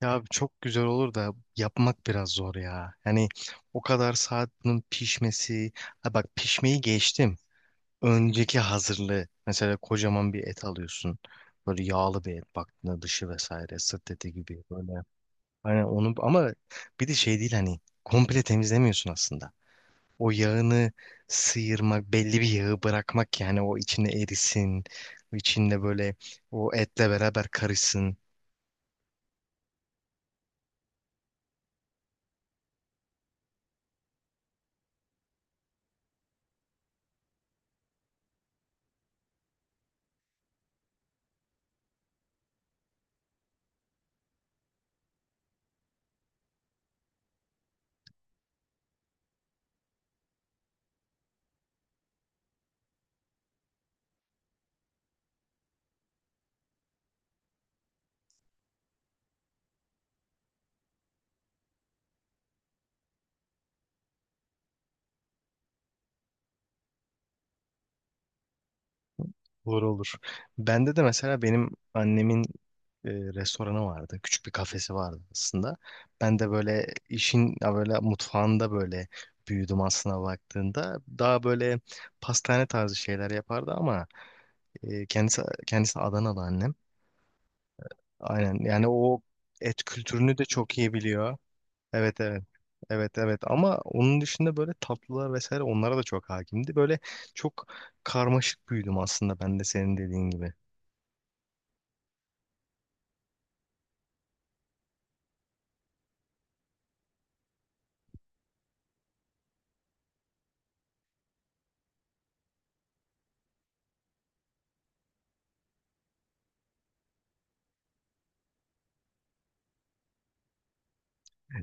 Ya abi çok güzel olur da yapmak biraz zor ya. Yani o kadar saat bunun pişmesi. Ha bak pişmeyi geçtim. Önceki hazırlığı. Mesela kocaman bir et alıyorsun. Böyle yağlı bir et baktığında dışı vesaire sırt eti gibi böyle. Hani onu ama bir de şey değil hani komple temizlemiyorsun aslında. O yağını sıyırmak, belli bir yağı bırakmak yani o içinde erisin, içinde böyle o etle beraber karışsın. Olur olur. Bende de mesela benim annemin restoranı vardı. Küçük bir kafesi vardı aslında. Ben de böyle işin ya böyle mutfağında böyle büyüdüm aslına baktığında. Daha böyle pastane tarzı şeyler yapardı ama kendisi Adanalı annem. Aynen. Yani o et kültürünü de çok iyi biliyor. Evet evet. Evet evet ama onun dışında böyle tatlılar vesaire onlara da çok hakimdi. Böyle çok karmaşık büyüdüm aslında ben de senin dediğin gibi.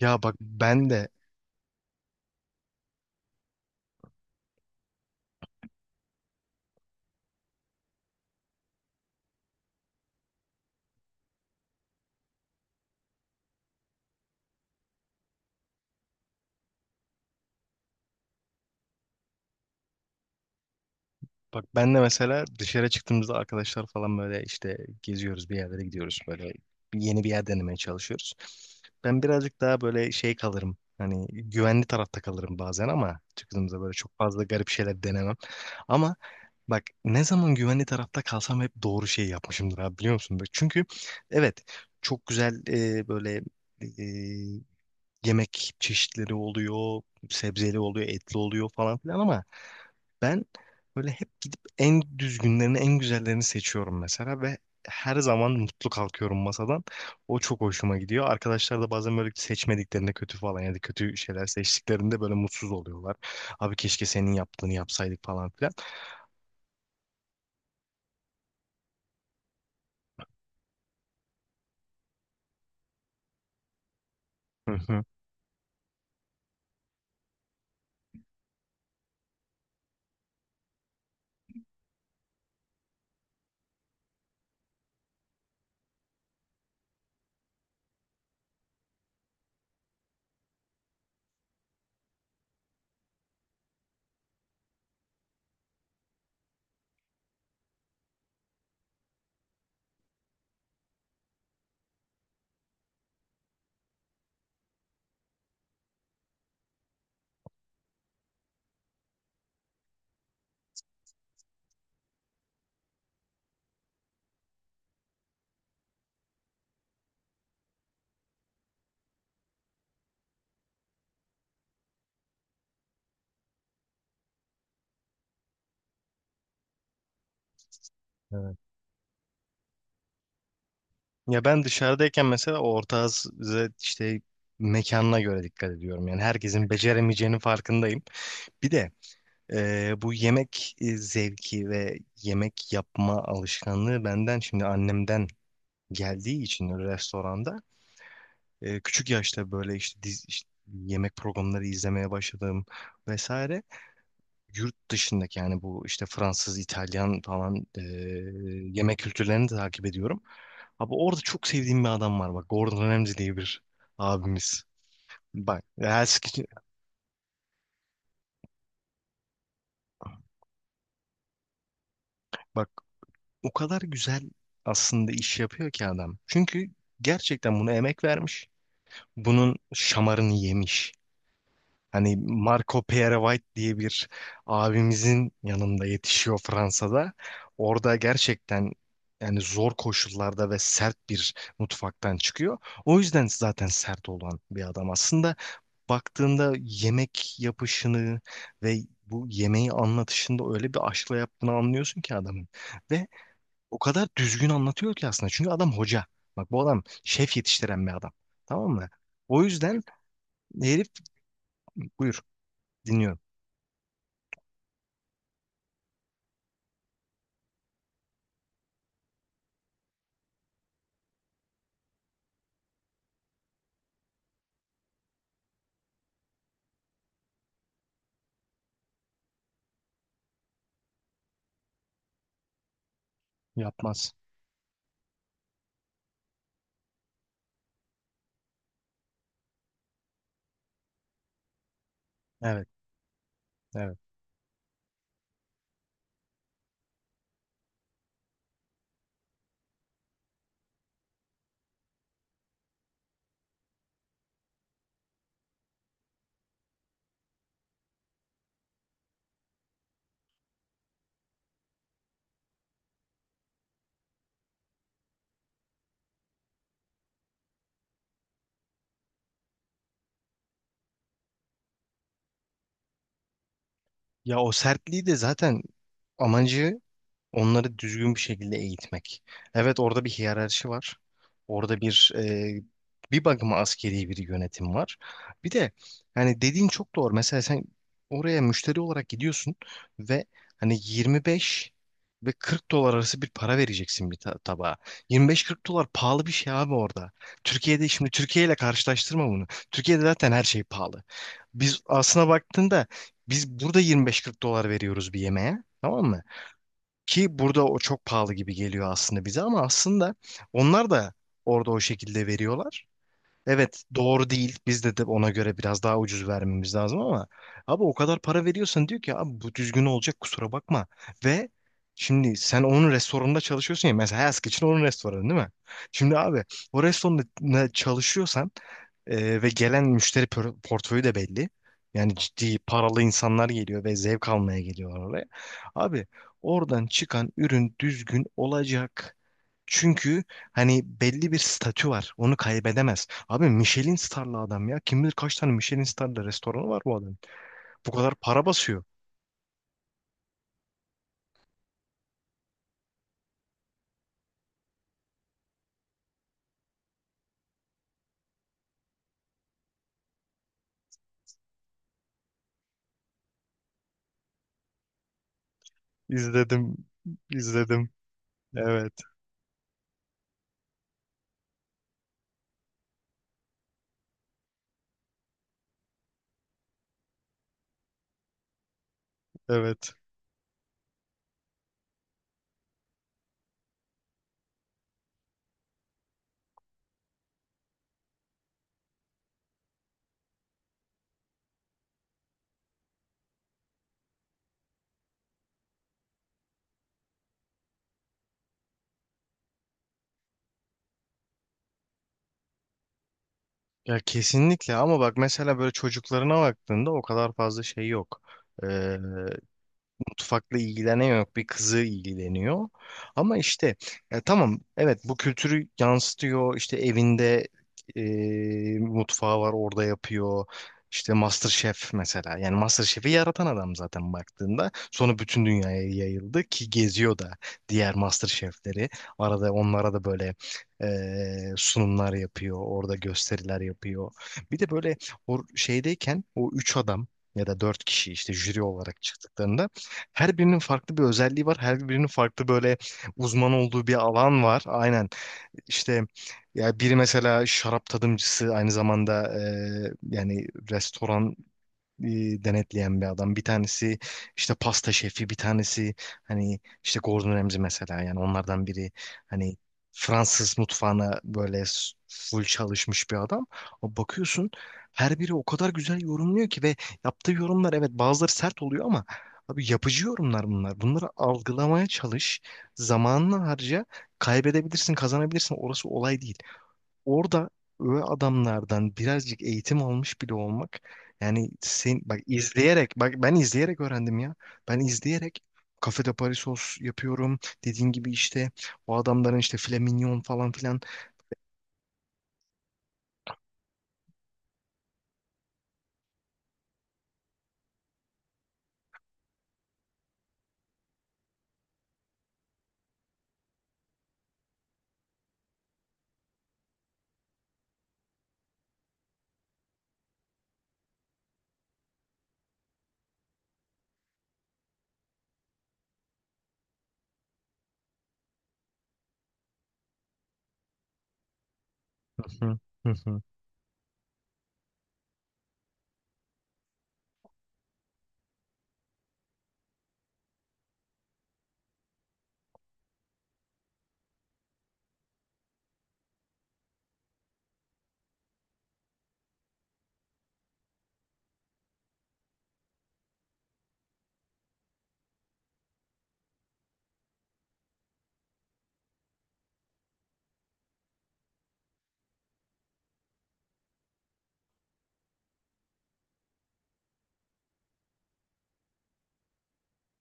Ya bak ben de mesela dışarı çıktığımızda arkadaşlar falan böyle işte geziyoruz bir yerlere gidiyoruz böyle yeni bir yer denemeye çalışıyoruz. Ben birazcık daha böyle şey kalırım. Hani güvenli tarafta kalırım bazen ama çıktığımızda böyle çok fazla garip şeyler denemem. Ama bak ne zaman güvenli tarafta kalsam hep doğru şeyi yapmışımdır abi biliyor musun? Bak çünkü evet çok güzel böyle e, yemek çeşitleri oluyor, sebzeli oluyor, etli oluyor falan filan ama ben böyle hep gidip en düzgünlerini, en güzellerini seçiyorum mesela ve her zaman mutlu kalkıyorum masadan. O çok hoşuma gidiyor. Arkadaşlar da bazen böyle seçmediklerinde kötü falan ya da kötü şeyler seçtiklerinde böyle mutsuz oluyorlar. Abi keşke senin yaptığını yapsaydık falan filan. Hı hı. Evet. Ya ben dışarıdayken mesela ortağız işte mekanına göre dikkat ediyorum. Yani herkesin beceremeyeceğinin farkındayım. Bir de bu yemek zevki ve yemek yapma alışkanlığı benden şimdi annemden geldiği için restoranda küçük yaşta böyle işte, işte yemek programları izlemeye başladım vesaire. Yurt dışındaki yani bu işte Fransız, İtalyan falan yemek kültürlerini de takip ediyorum. Abi orada çok sevdiğim bir adam var bak Gordon Ramsay diye bir abimiz. Bak, her, bak, o kadar güzel aslında iş yapıyor ki adam. Çünkü gerçekten buna emek vermiş. Bunun şamarını yemiş. Hani Marco Pierre-White diye bir abimizin yanında yetişiyor Fransa'da. Orada gerçekten yani zor koşullarda ve sert bir mutfaktan çıkıyor. O yüzden zaten sert olan bir adam. Aslında baktığında yemek yapışını ve bu yemeği anlatışında öyle bir aşkla yaptığını anlıyorsun ki adamın. Ve o kadar düzgün anlatıyor ki aslında. Çünkü adam hoca. Bak bu adam şef yetiştiren bir adam. Tamam mı? O yüzden herif buyur dinliyorum. Yapmaz. Evet, evet. Ya o sertliği de zaten amacı onları düzgün bir şekilde eğitmek. Evet orada bir hiyerarşi var. Orada bir bir bakıma askeri bir yönetim var. Bir de hani dediğin çok doğru. Mesela sen oraya müşteri olarak gidiyorsun ve hani 25 ve 40 dolar arası bir para vereceksin bir tabağa. 25-40 dolar pahalı bir şey abi orada. Türkiye'de şimdi Türkiye ile karşılaştırma bunu. Türkiye'de zaten her şey pahalı. Biz aslına baktığında biz burada 25-40 dolar veriyoruz bir yemeğe. Tamam mı? Ki burada o çok pahalı gibi geliyor aslında bize ama aslında onlar da orada o şekilde veriyorlar. Evet doğru değil. Biz de, ona göre biraz daha ucuz vermemiz lazım ama abi o kadar para veriyorsan diyor ki abi bu düzgün olacak kusura bakma. Ve şimdi sen onun restoranında çalışıyorsun ya mesela Hask için onun restoranı değil mi? Şimdi abi o restoranda çalışıyorsan ve gelen müşteri portföyü de belli. Yani ciddi paralı insanlar geliyor ve zevk almaya geliyorlar oraya. Abi oradan çıkan ürün düzgün olacak. Çünkü hani belli bir statü var. Onu kaybedemez. Abi Michelin starlı adam ya. Kim bilir kaç tane Michelin starlı restoranı var bu adam. Bu kadar para basıyor. İzledim, izledim. Evet, evet. Ya kesinlikle ama bak mesela böyle çocuklarına baktığında o kadar fazla şey yok. Ee, mutfakla ilgilenen yok bir kızı ilgileniyor. Ama işte ya tamam evet bu kültürü yansıtıyor işte evinde e, mutfağı var orada yapıyor. İşte MasterChef mesela. Yani MasterChef'i yaratan adam zaten baktığında. Sonra bütün dünyaya yayıldı ki geziyor da diğer MasterChef'leri. Arada onlara da böyle sunumlar yapıyor. Orada gösteriler yapıyor. Bir de böyle o şeydeyken o üç adam ya da dört kişi işte jüri olarak çıktıklarında her birinin farklı bir özelliği var. Her birinin farklı böyle uzman olduğu bir alan var. Aynen. İşte ya biri mesela şarap tadımcısı aynı zamanda yani restoran denetleyen bir adam. Bir tanesi işte pasta şefi, bir tanesi hani işte Gordon Ramsay mesela yani onlardan biri hani Fransız mutfağına böyle full çalışmış bir adam. O bakıyorsun her biri o kadar güzel yorumluyor ki ve yaptığı yorumlar evet bazıları sert oluyor ama abi yapıcı yorumlar bunlar. Bunları algılamaya çalış, zamanını harca, kaybedebilirsin, kazanabilirsin. Orası olay değil, orada öyle adamlardan birazcık eğitim almış bile olmak yani sen bak izleyerek, bak ben izleyerek öğrendim ya. Ben izleyerek Cafe de Paris sos yapıyorum. Dediğin gibi işte o adamların işte filet mignon falan filan. Hı hı, hı hı.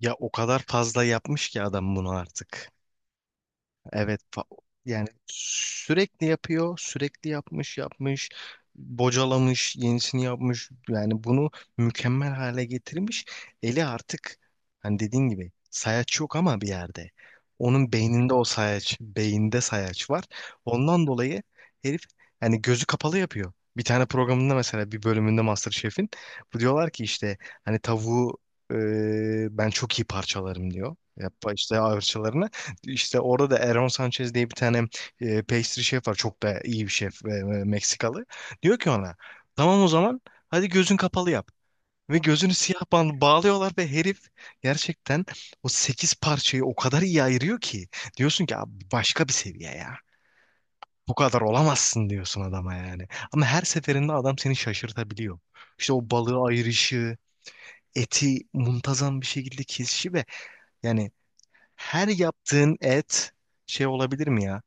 Ya o kadar fazla yapmış ki adam bunu artık. Evet yani sürekli yapıyor, sürekli yapmış, yapmış, bocalamış, yenisini yapmış. Yani bunu mükemmel hale getirmiş. Eli artık hani dediğin gibi sayaç yok ama bir yerde. Onun beyninde o sayaç, beyinde sayaç var. Ondan dolayı herif yani gözü kapalı yapıyor. Bir tane programında mesela bir bölümünde MasterChef'in bu diyorlar ki işte hani tavuğu ben çok iyi parçalarım diyor. Yap işte parçalarını. İşte orada da Erron Sanchez diye bir tane pastry şef var. Çok da iyi bir şef Meksikalı. Diyor ki ona tamam o zaman hadi gözün kapalı yap. Ve gözünü siyah bant bağlıyorlar ve herif gerçekten o 8 parçayı o kadar iyi ayırıyor ki. Diyorsun ki abi başka bir seviye ya. Bu kadar olamazsın diyorsun adama yani. Ama her seferinde adam seni şaşırtabiliyor. İşte o balığı ayırışı, eti muntazam bir şekilde kesişi ve yani her yaptığın et şey olabilir mi ya?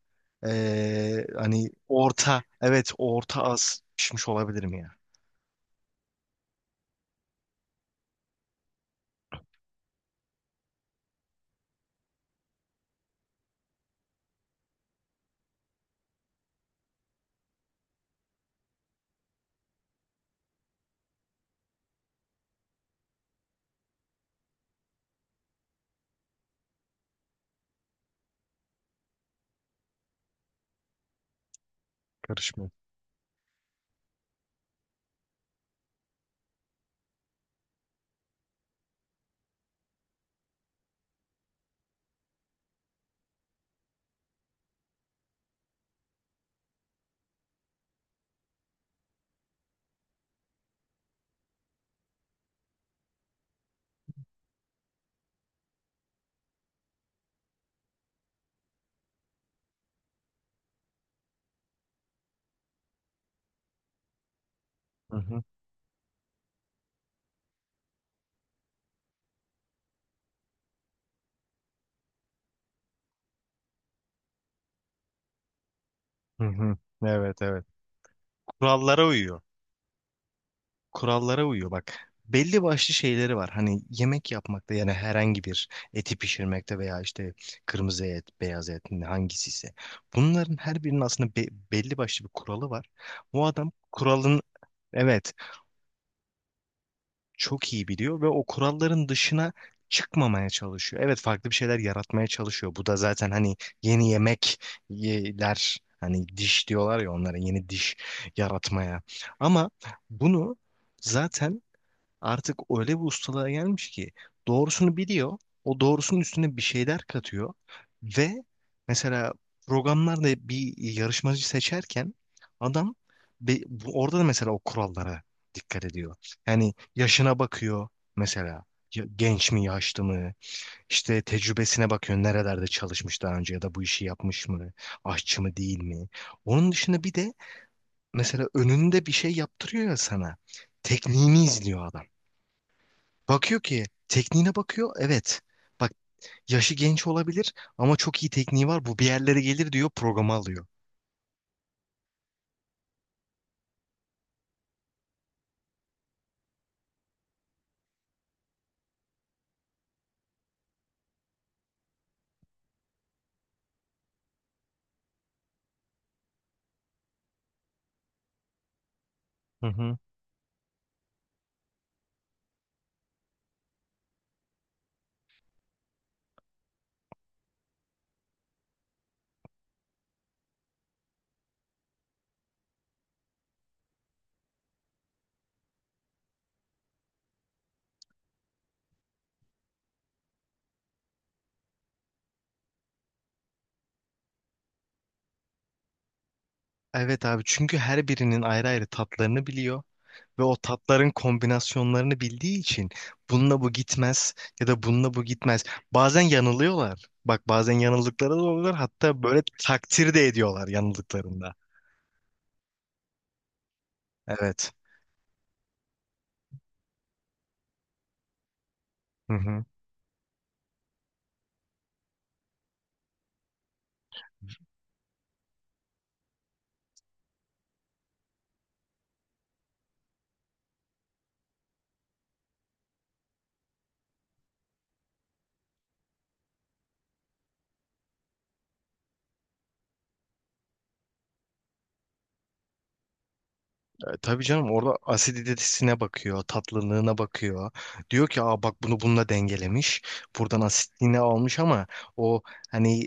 Hani orta, evet orta az pişmiş olabilir mi ya? Karışmıyor. Hı hı. Hı hı. Evet evet. Kurallara uyuyor, kurallara uyuyor bak. Belli başlı şeyleri var. Hani yemek yapmakta yani herhangi bir eti pişirmekte veya işte kırmızı et, beyaz et hangisi ise. Bunların her birinin aslında belli başlı bir kuralı var. Bu adam evet çok iyi biliyor ve o kuralların dışına çıkmamaya çalışıyor. Evet farklı bir şeyler yaratmaya çalışıyor. Bu da zaten hani yeni yemekler hani diş diyorlar ya onlara yeni diş yaratmaya. Ama bunu zaten artık öyle bir ustalığa gelmiş ki doğrusunu biliyor. O doğrusunun üstüne bir şeyler katıyor. Ve mesela programlarda bir yarışmacı seçerken adam orada da mesela o kurallara dikkat ediyor. Yani yaşına bakıyor mesela genç mi yaşlı mı? İşte tecrübesine bakıyor nerelerde çalışmış daha önce ya da bu işi yapmış mı, aşçı mı değil mi. Onun dışında bir de mesela önünde bir şey yaptırıyor ya sana, tekniğini izliyor adam. Bakıyor ki tekniğine bakıyor. Evet. Bak, yaşı genç olabilir ama çok iyi tekniği var. Bu bir yerlere gelir diyor, programı alıyor. Hı hı. Evet abi çünkü her birinin ayrı ayrı tatlarını biliyor ve o tatların kombinasyonlarını bildiği için bununla bu gitmez ya da bununla bu gitmez. Bazen yanılıyorlar. Bak bazen yanıldıkları da oluyor, hatta böyle takdir de ediyorlar yanıldıklarında. Evet. Hı hı. Tabii canım orada asiditesine bakıyor, tatlılığına bakıyor. Diyor ki aa bak bunu bununla dengelemiş. Buradan asitliğini almış ama o hani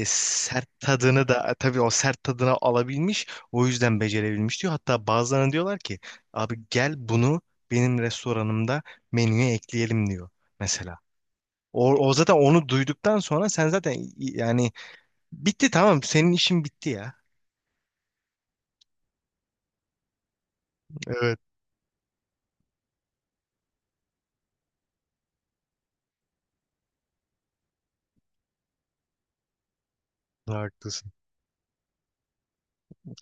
sert tadını da tabii o sert tadını alabilmiş. O yüzden becerebilmiş diyor. Hatta bazılarına diyorlar ki abi gel bunu benim restoranımda menüye ekleyelim diyor mesela. O, o zaten onu duyduktan sonra sen zaten yani bitti tamam senin işin bitti ya. Evet, haklısın.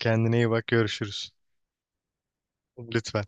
Kendine iyi bak, görüşürüz. Lütfen.